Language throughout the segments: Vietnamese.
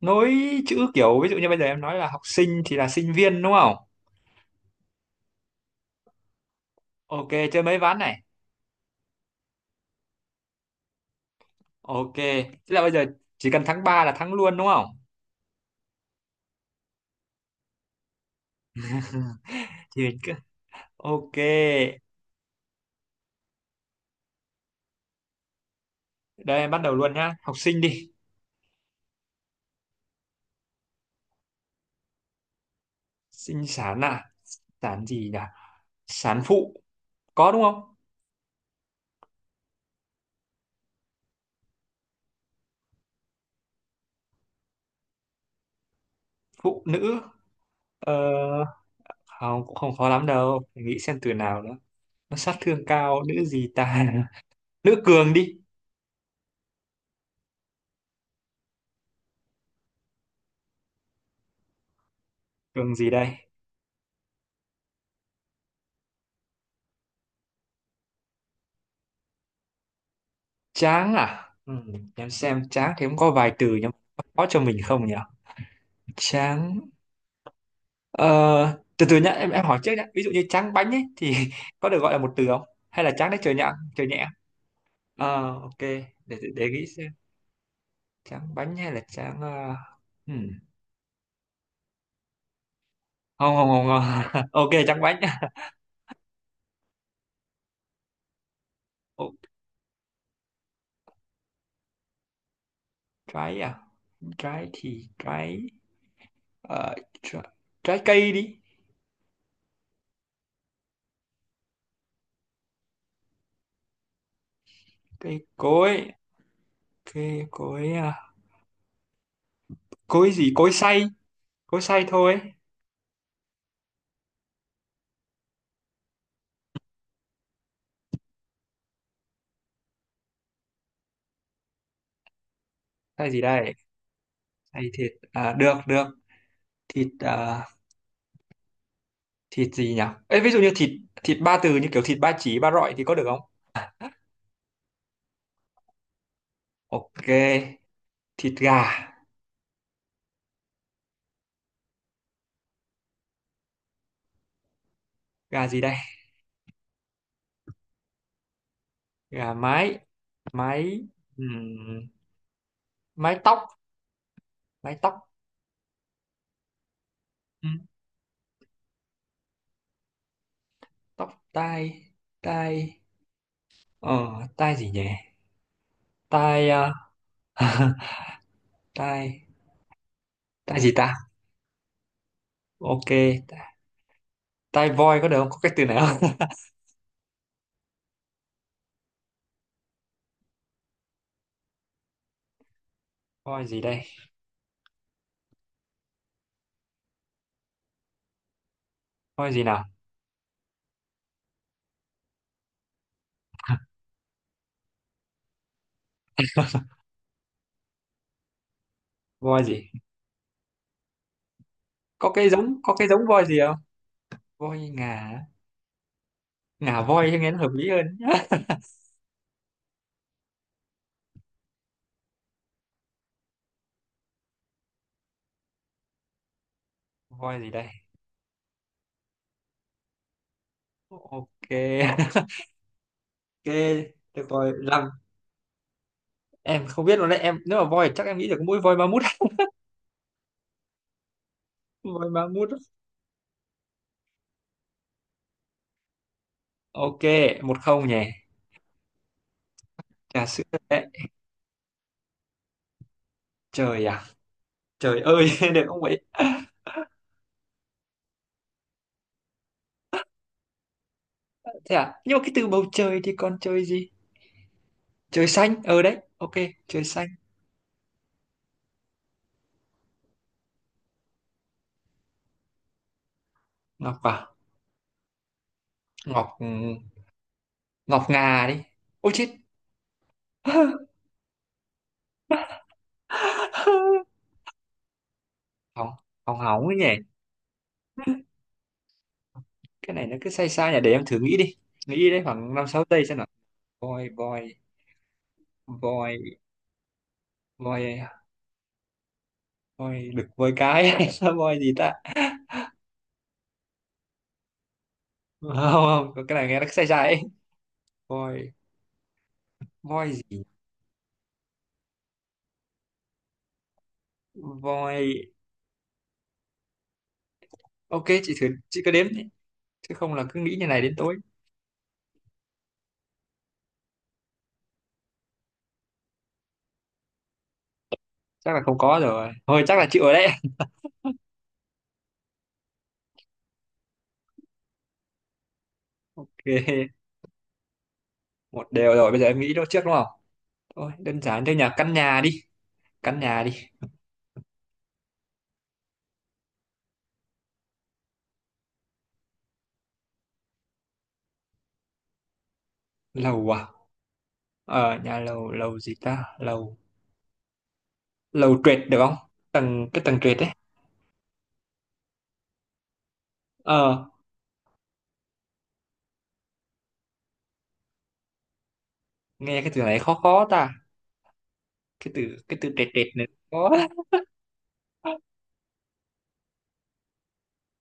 Nối chữ, kiểu ví dụ như bây giờ em nói là học sinh thì là sinh viên, đúng không? Ok, chơi mấy ván này. Ok, tức là bây giờ chỉ cần thắng ba là thắng luôn, đúng không? Thì mình cứ... ok. Đây, em bắt đầu luôn nhá, học sinh đi. Sinh sản à? Sản gì nhỉ? Sản phụ, có đúng không? Phụ nữ. ờ, Không, cũng không khó lắm đâu. Để nghĩ xem từ nào nữa. Nó sát thương cao. Nữ gì ta? Nữ cường đi. Cường gì đây? Chán à? Ừ, chán. Xem chán thì cũng có vài từ nhưng mà có cho mình không nhỉ? Chán. Ờ, từ từ nhá, em hỏi trước nhá. Ví dụ như chán bánh ấy thì có được gọi là một từ không? Hay là chán đấy, trời nhẹ, trời nhẹ. Ờ, ok, để nghĩ xem. Chán bánh hay là chán, hmm. Không, không, không. Không. Ok, chán bánh. Ồ, trái à? Trái thì trái. ờ, Trái, trái cây đi. Cây cối, cây cối à. Cối gì? Cối xay. Cối xay thôi. Xay gì đây? Hay thịt à, được được. Thịt à, thịt gì nhỉ? Ê, ví dụ như thịt thịt ba từ như kiểu thịt ba chỉ, ba rọi thì có được không? Ok, thịt gà. Gà gì đây? Gà mái. Mái. ừm, Mái tóc. Mái tóc. Ừm, Tóc tai. Tai. ờ Tai gì nhỉ? Tai à? Tai, tai gì ta? Ok, tai voi có được không? Có cái từ này không? Voi gì đây? Voi gì nào? Voi gì? Có cái giống voi gì không? Voi ngà. Ngà voi cho nghe nó hợp lý hơn. Voi gì đây? Ok. Ok, được rồi. Làm em không biết luôn đấy em, nếu mà voi thì chắc em nghĩ được mỗi voi ma mút. Voi ma mút. Ok, 1-0 nhỉ. Trà sữa đấy. Trời à? Trời ơi. Được không vậy? Thế à, nhưng mà cái từ bầu trời thì còn trời gì? Trời xanh, ờ đấy, ok. Trời xanh. Ngọc à? Ngọc, ừ, ngọc ngà đi. Ôi chết. Hỏng, hỏng ấy nhỉ. Cái này nó cứ sai sai nhỉ, để em thử nghĩ đi. Nghĩ đi đấy, khoảng 5-6 giây xem. Voi, voi, voi, voi, voi đực, voi cái. Hay voi gì ta? Không, không, có cái này nghe nó sai sai ấy. Voi, voi gì? Voi. Ok, chị thử, chị cứ đếm đi, chứ không là cứ nghĩ như này đến tối. Chắc là không có rồi, thôi chắc là chịu rồi đấy. Ok, 1 đều rồi, bây giờ em nghĩ đó trước đúng không? Thôi đơn giản thôi nhỉ, căn nhà đi. Căn nhà đi. Lầu à? Ờ, nhà lầu. Lầu gì ta? Lầu, lầu trệt được không? Cái tầng trệt đấy. Ờ, nghe cái từ này khó khó ta. Cái từ trệt, trệt này khó.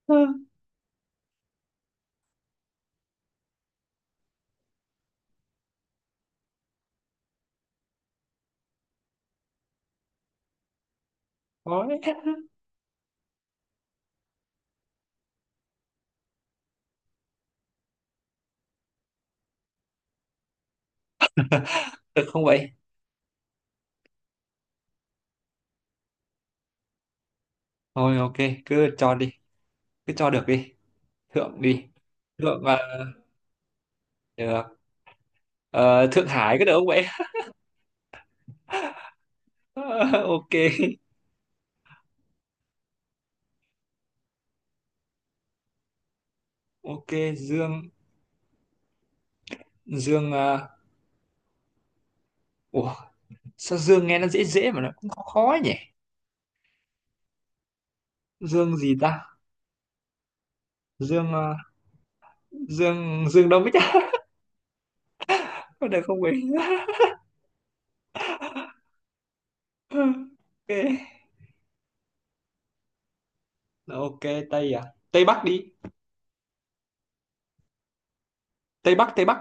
Ơ, khó đấy. Được không vậy? Thôi ok, cứ cho đi, cứ cho được đi. Thượng đi. Thượng à? Được. Ờ, Thượng Hải có được không vậy? Ok, ok. Dương. Dương à? Ủa, sao dương nghe nó dễ dễ mà nó cũng khó khó ấy nhỉ? Dương gì ta? Dương à? Dương, Dương Đông Bích à? Có được không vậy? Ok, ok. Tây à? Tây Bắc đi. Tây Bắc, Tây Bắc.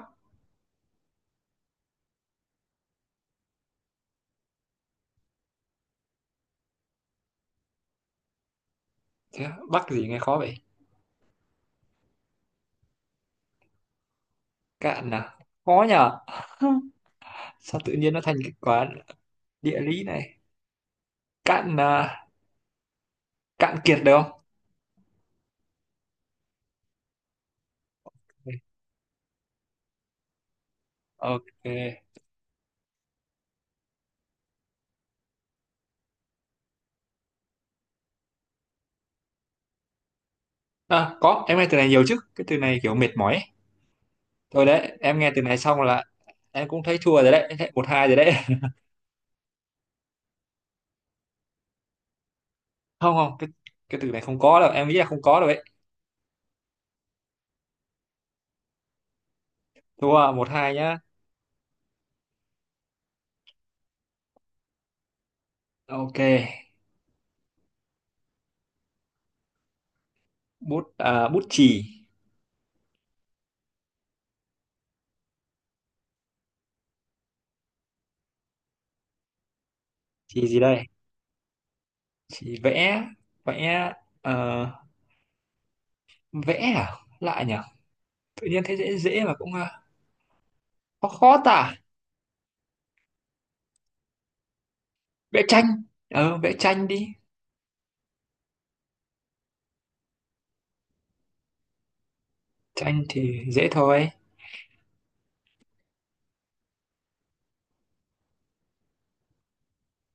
Thế á, bắc gì nghe khó vậy? Cạn à? Khó nhờ. Sao tự nhiên nó thành cái quả địa lý này. Cạn à, cạn kiệt được không? Ok. À, có, em nghe từ này nhiều chứ, cái từ này kiểu mệt mỏi ấy. Thôi đấy, em nghe từ này xong là em cũng thấy thua rồi đấy. Em thấy 1-2 rồi đấy. Không, không, cái từ này không có đâu, em nghĩ là không có đâu đấy. Thua 1-2 nhá. Ok. Bút à, bút chì. Chì gì đây? Chì vẽ. Vẽ. ờ, Vẽ à lại nhỉ? Tự nhiên thấy dễ dễ mà cũng khó khó tả. Vẽ tranh. Ờ, vẽ tranh đi. Tranh thì dễ thôi.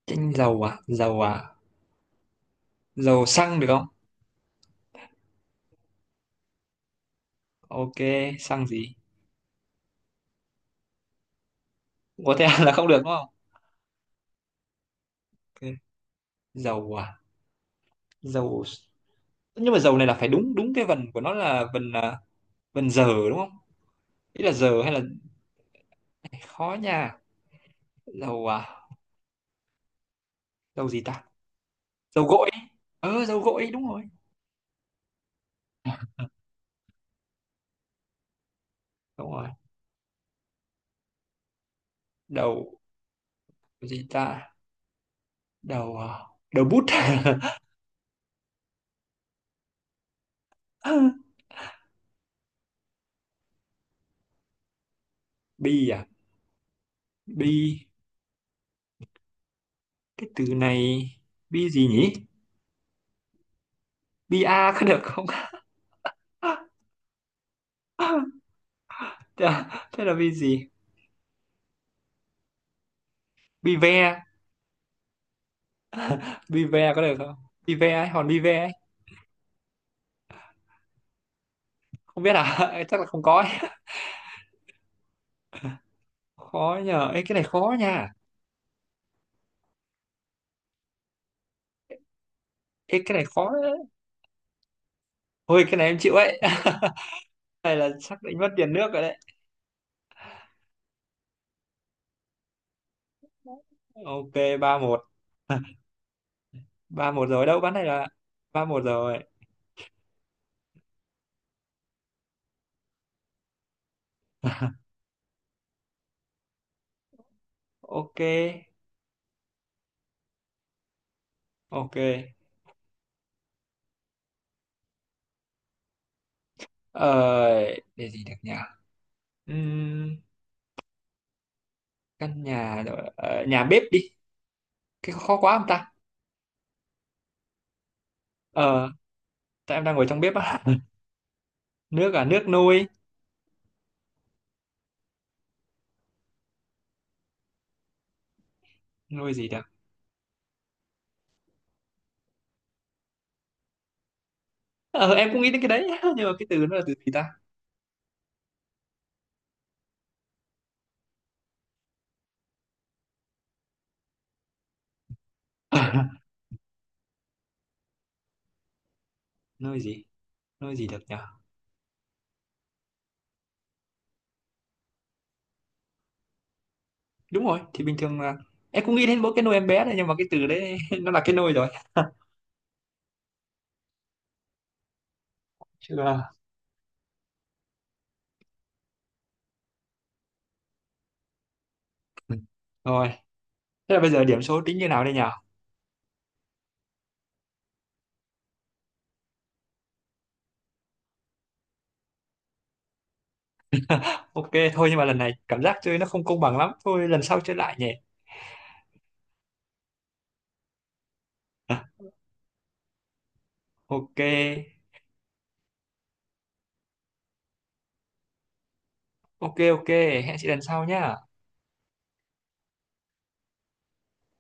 Tranh dầu à? Dầu à? Dầu xăng được không? Ok, xăng gì? Có thể là không được đúng không? Ok. Dầu à? Dầu, nhưng mà dầu này là phải đúng đúng cái vần của nó là vần, vần giờ đúng không? Ý là giờ, hay là khó nha. Dầu à? Dầu gì ta? Dầu gội. Ờ, dầu gội đúng rồi. Đúng rồi. Đầu gì ta? Đầu à? Đầu bút. Bi à? Bi, cái từ này... Bi gì nhỉ? Bi a có được không? Thế là bi gì? Bi ve. Vive có được không? Vive ấy, hòn Vive ấy. Không biết à. Chắc là không có ấy. Khó nhờ. Ê, cái này khó nha. Ê, cái này khó đấy. Ôi cái này em chịu ấy. Này là chắc đánh mất tiền nước rồi đấy. Ok, 3-1. 3-1 rồi đâu, bán này là 3-1 rồi. Ok, ok. Ờ, để gì được nhỉ? Ừm, Căn nhà rồi. Ờ, Nhà bếp đi. Cái khó quá không ta? Ờ, tại em đang ngồi trong bếp á. Nước à? Nước nuôi. Nuôi gì? Ờ, em cũng nghĩ đến cái đấy, nhưng mà cái từ nó là từ gì ta? Nơi gì? Nơi gì được nhỉ? Đúng rồi, thì bình thường là em cũng nghĩ đến mỗi cái nôi em bé này, nhưng mà cái từ đấy nó là cái nôi rồi. Chứ là- Ừ. Rồi, thế là bây giờ điểm số tính như nào đây nhỉ? Ok, thôi nhưng mà lần này cảm giác chơi nó không công bằng lắm, thôi lần sau chơi lại nhỉ. Ok. Ok, ok, hẹn chị lần sau nhá.